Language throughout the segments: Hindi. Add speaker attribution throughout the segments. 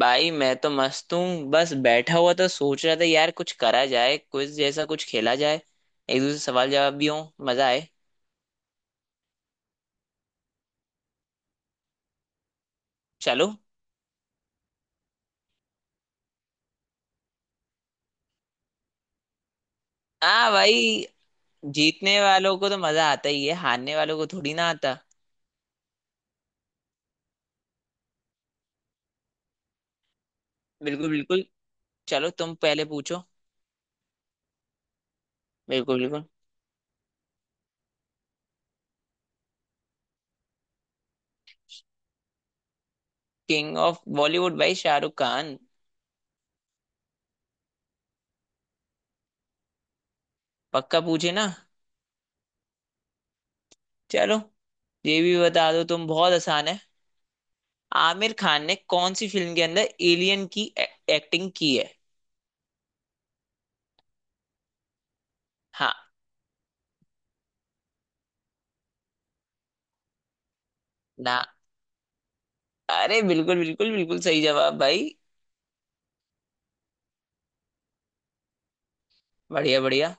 Speaker 1: भाई मैं तो मस्त हूँ। बस बैठा हुआ था, सोच रहा था यार कुछ करा जाए, क्विज जैसा कुछ खेला जाए। एक दूसरे से सवाल जवाब भी हो, मजा आए। चलो। हाँ भाई, जीतने वालों को तो मजा आता ही है, हारने वालों को थोड़ी ना आता। बिल्कुल बिल्कुल। चलो तुम पहले पूछो। बिल्कुल बिल्कुल। किंग ऑफ बॉलीवुड भाई शाहरुख खान। पक्का पूछे ना। चलो, ये भी बता दो, तुम बहुत आसान है। आमिर खान ने कौन सी फिल्म के अंदर एलियन की एक्टिंग की है? हाँ। ना। अरे बिल्कुल बिल्कुल बिल्कुल सही जवाब भाई। बढ़िया बढ़िया।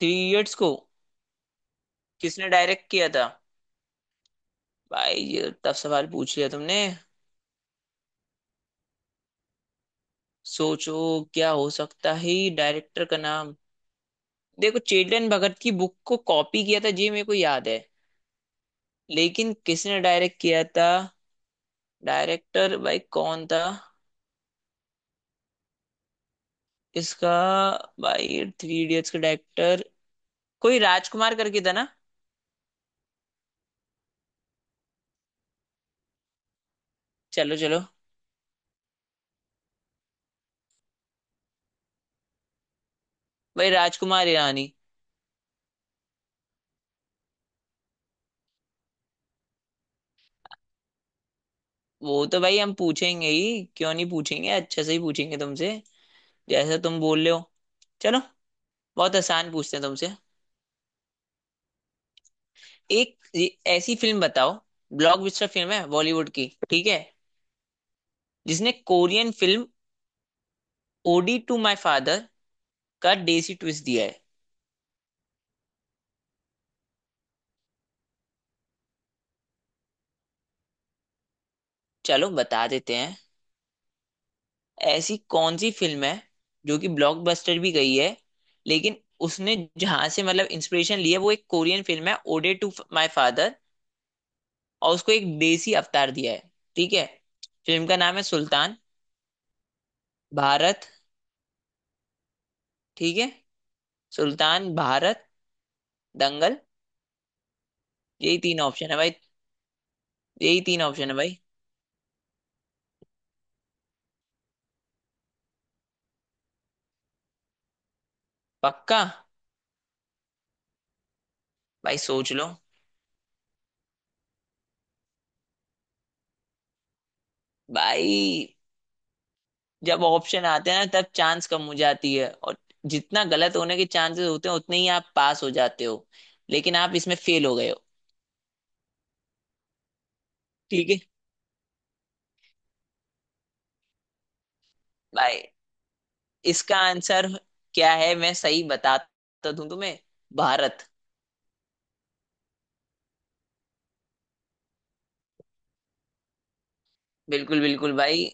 Speaker 1: थ्री इडियट्स को किसने डायरेक्ट किया था? भाई ये तो टफ सवाल पूछ लिया तुमने। सोचो, क्या हो सकता है डायरेक्टर का नाम। देखो, चेतन भगत की बुक को कॉपी किया था जी, मेरे को याद है, लेकिन किसने डायरेक्ट किया था? डायरेक्टर भाई कौन था इसका? भाई थ्री इडियट्स का डायरेक्टर कोई राजकुमार करके था ना। चलो चलो। भाई राजकुमार ईरानी। वो तो भाई हम पूछेंगे ही, क्यों नहीं पूछेंगे, अच्छे से ही पूछेंगे तुमसे, जैसे तुम बोल रहे हो। चलो, बहुत आसान पूछते हैं तुमसे। ऐसी फिल्म बताओ, ब्लॉकबस्टर फिल्म है बॉलीवुड की, ठीक है, जिसने Korean film Ode to My Father का देसी ट्विस्ट दिया है। चलो बता देते हैं। ऐसी कौन सी फिल्म है जो कि ब्लॉकबस्टर भी गई है, लेकिन उसने जहां से मतलब इंस्पिरेशन लिया वो एक कोरियन फिल्म है, ओडे टू माई फादर, और उसको एक देसी अवतार दिया है। ठीक है। फिल्म का नाम है सुल्तान, भारत, ठीक है, सुल्तान, भारत, दंगल। यही तीन ऑप्शन है भाई। यही तीन ऑप्शन है भाई। पक्का? भाई सोच लो। भाई, जब ऑप्शन आते हैं ना तब चांस कम हो जाती है, और जितना गलत होने के चांसेस होते हैं उतने ही आप पास हो जाते हो, लेकिन आप इसमें फेल हो गए हो। ठीक है। भाई इसका आंसर क्या है, मैं सही बताता दूं तुम्हें। भारत। बिल्कुल बिल्कुल भाई।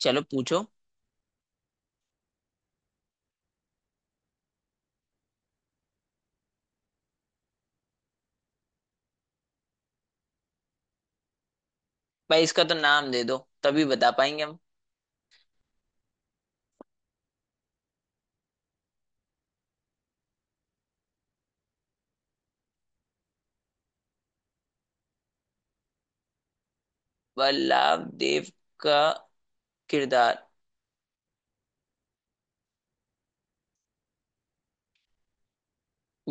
Speaker 1: चलो पूछो। भाई इसका तो नाम दे दो, तभी बता पाएंगे हम। वल्लभ देव का किरदार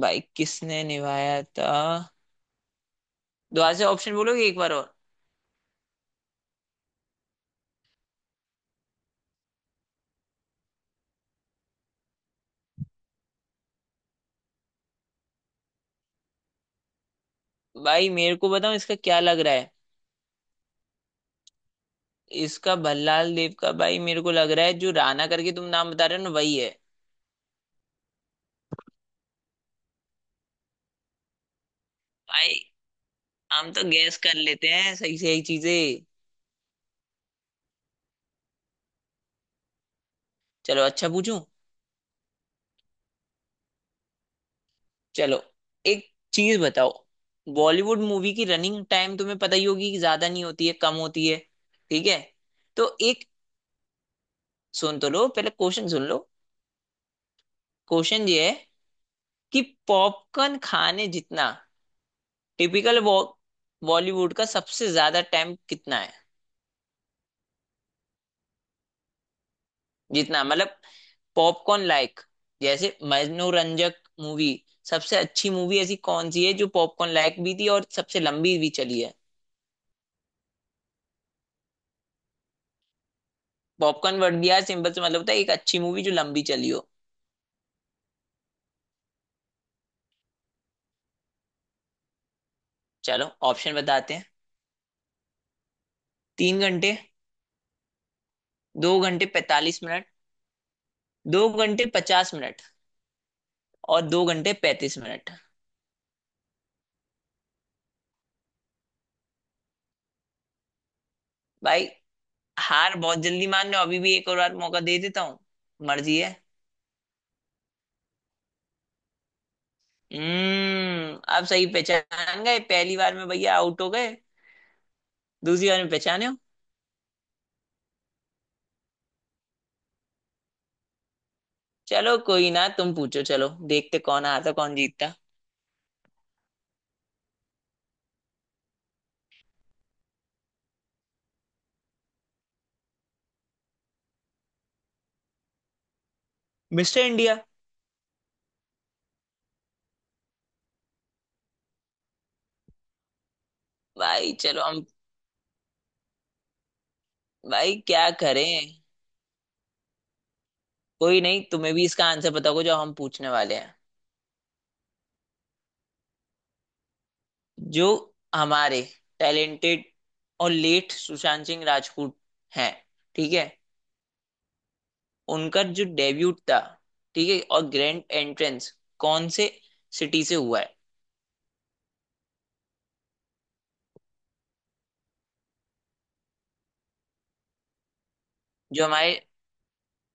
Speaker 1: भाई किसने निभाया था? दोबारा से ऑप्शन बोलोगे एक बार और। भाई मेरे को बताओ, इसका क्या लग रहा है। इसका भल्लाल देव का भाई मेरे को लग रहा है जो राणा करके तुम नाम बता रहे हो ना, वही है। भाई हम तो गैस कर लेते हैं, सही सही चीजें। चलो अच्छा पूछूं। चलो एक चीज बताओ। बॉलीवुड मूवी की रनिंग टाइम तुम्हें पता ही होगी कि ज्यादा नहीं होती है, कम होती है, ठीक है। तो एक, सुन तो लो पहले, क्वेश्चन सुन लो। क्वेश्चन ये है कि पॉपकॉर्न खाने जितना टिपिकल बॉलीवुड का सबसे ज्यादा टाइम कितना है। जितना मतलब पॉपकॉर्न लाइक, जैसे मनोरंजक मूवी, सबसे अच्छी मूवी ऐसी कौन सी है जो पॉपकॉर्न लाइक भी थी और सबसे लंबी भी चली है। पॉपकॉर्न वर्ड दिया, सिंपल से मतलब होता है एक अच्छी मूवी जो लंबी चली हो। चलो ऑप्शन बताते हैं। तीन घंटे, दो घंटे पैंतालीस मिनट, दो घंटे पचास मिनट, और दो घंटे पैंतीस मिनट। भाई हार बहुत जल्दी मान लो, अभी भी एक और बार मौका दे देता हूँ, मर्जी है। हम्म, आप सही पहचान गए। पहली बार में भैया आउट हो गए, दूसरी बार में पहचाने हो। चलो कोई ना, तुम पूछो, चलो देखते कौन हारता कौन जीतता। Mister India. भाई चलो हम। भाई क्या करें। कोई नहीं, तुम्हें भी इसका आंसर पता होगा जो हम पूछने वाले हैं। जो हमारे टैलेंटेड और लेट सुशांत सिंह राजपूत हैं, ठीक है, उनका जो डेब्यूट था, ठीक है, और ग्रैंड एंट्रेंस कौन से सिटी से हुआ है? जो हमारे,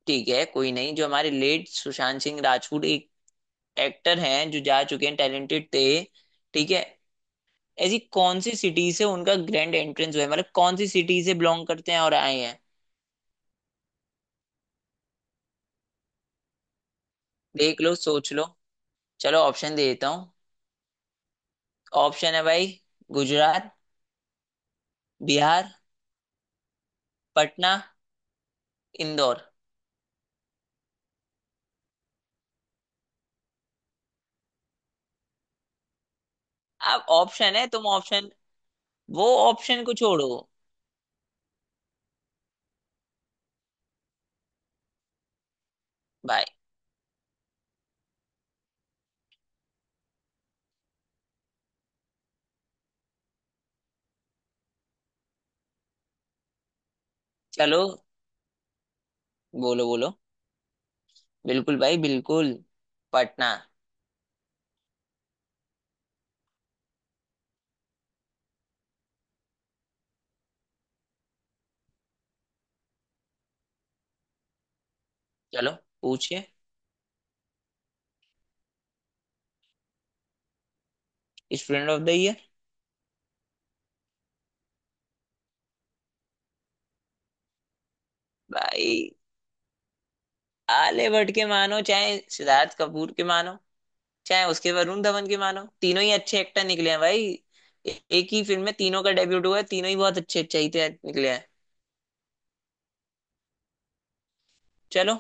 Speaker 1: ठीक है, कोई नहीं, जो हमारे लेट सुशांत सिंह राजपूत एक एक्टर हैं जो जा चुके हैं, टैलेंटेड थे, ठीक है, ऐसी कौन सी सिटी से उनका ग्रैंड एंट्रेंस हुआ है, मतलब कौन सी सिटी से बिलोंग करते हैं और आए हैं। देख लो, सोच लो। चलो ऑप्शन दे देता हूँ। ऑप्शन है भाई, गुजरात, बिहार, पटना, इंदौर। अब ऑप्शन है, तुम ऑप्शन, वो ऑप्शन को छोड़ो भाई। चलो बोलो बोलो। बिल्कुल भाई बिल्कुल। पटना। चलो पूछिए। Student of the year. भाई, आलिया भट्ट के मानो, चाहे सिद्धार्थ कपूर के मानो, चाहे उसके वरुण धवन के मानो, तीनों ही अच्छे एक्टर निकले हैं भाई। एक ही फिल्म में तीनों का डेब्यूट हुआ है, तीनों ही बहुत अच्छे, निकले हैं। चलो,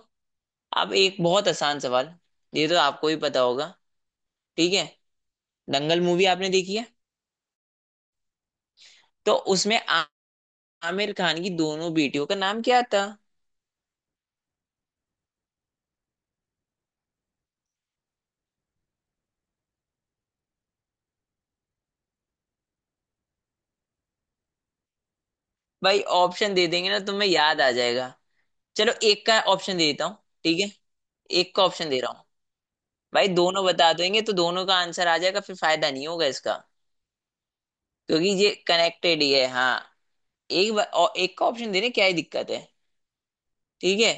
Speaker 1: अब एक बहुत आसान सवाल, ये तो आपको भी पता होगा, ठीक है। दंगल मूवी आपने देखी है, तो उसमें आमिर खान की दोनों बेटियों का नाम क्या था? भाई ऑप्शन दे देंगे ना तो तुम्हें याद आ जाएगा। चलो एक का ऑप्शन दे देता हूँ। ठीक है, एक का ऑप्शन दे रहा हूँ। भाई दोनों बता देंगे तो दोनों का आंसर आ जाएगा, फिर फायदा नहीं होगा इसका, क्योंकि ये कनेक्टेड ही है। हाँ, और एक का ऑप्शन देने क्या ही दिक्कत है। ठीक है।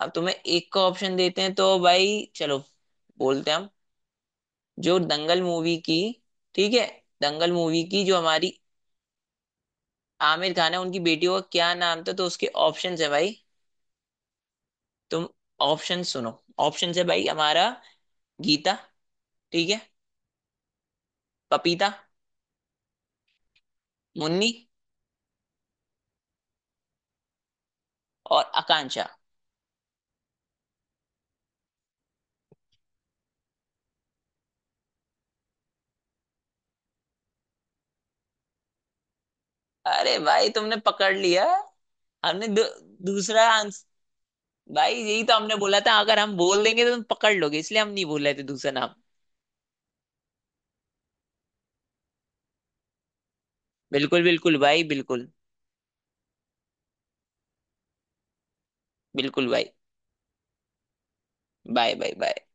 Speaker 1: अब तुम्हें एक का ऑप्शन देते हैं तो भाई, चलो बोलते हैं हम। जो दंगल मूवी की, ठीक है, दंगल मूवी की जो हमारी आमिर खान है, उनकी बेटी का क्या नाम था, तो उसके ऑप्शन है भाई, तुम ऑप्शन सुनो। ऑप्शन है भाई हमारा, गीता, ठीक है, पपीता, मुन्नी, और आकांक्षा। अरे भाई तुमने पकड़ लिया। हमने दू, दूसरा आंस। भाई यही तो हमने बोला था, अगर हम बोल देंगे तो तुम पकड़ लोगे, इसलिए हम नहीं बोल रहे थे दूसरा नाम। बिल्कुल बिल्कुल भाई बिल्कुल। बिल्कुल भाई। Bye, bye bye.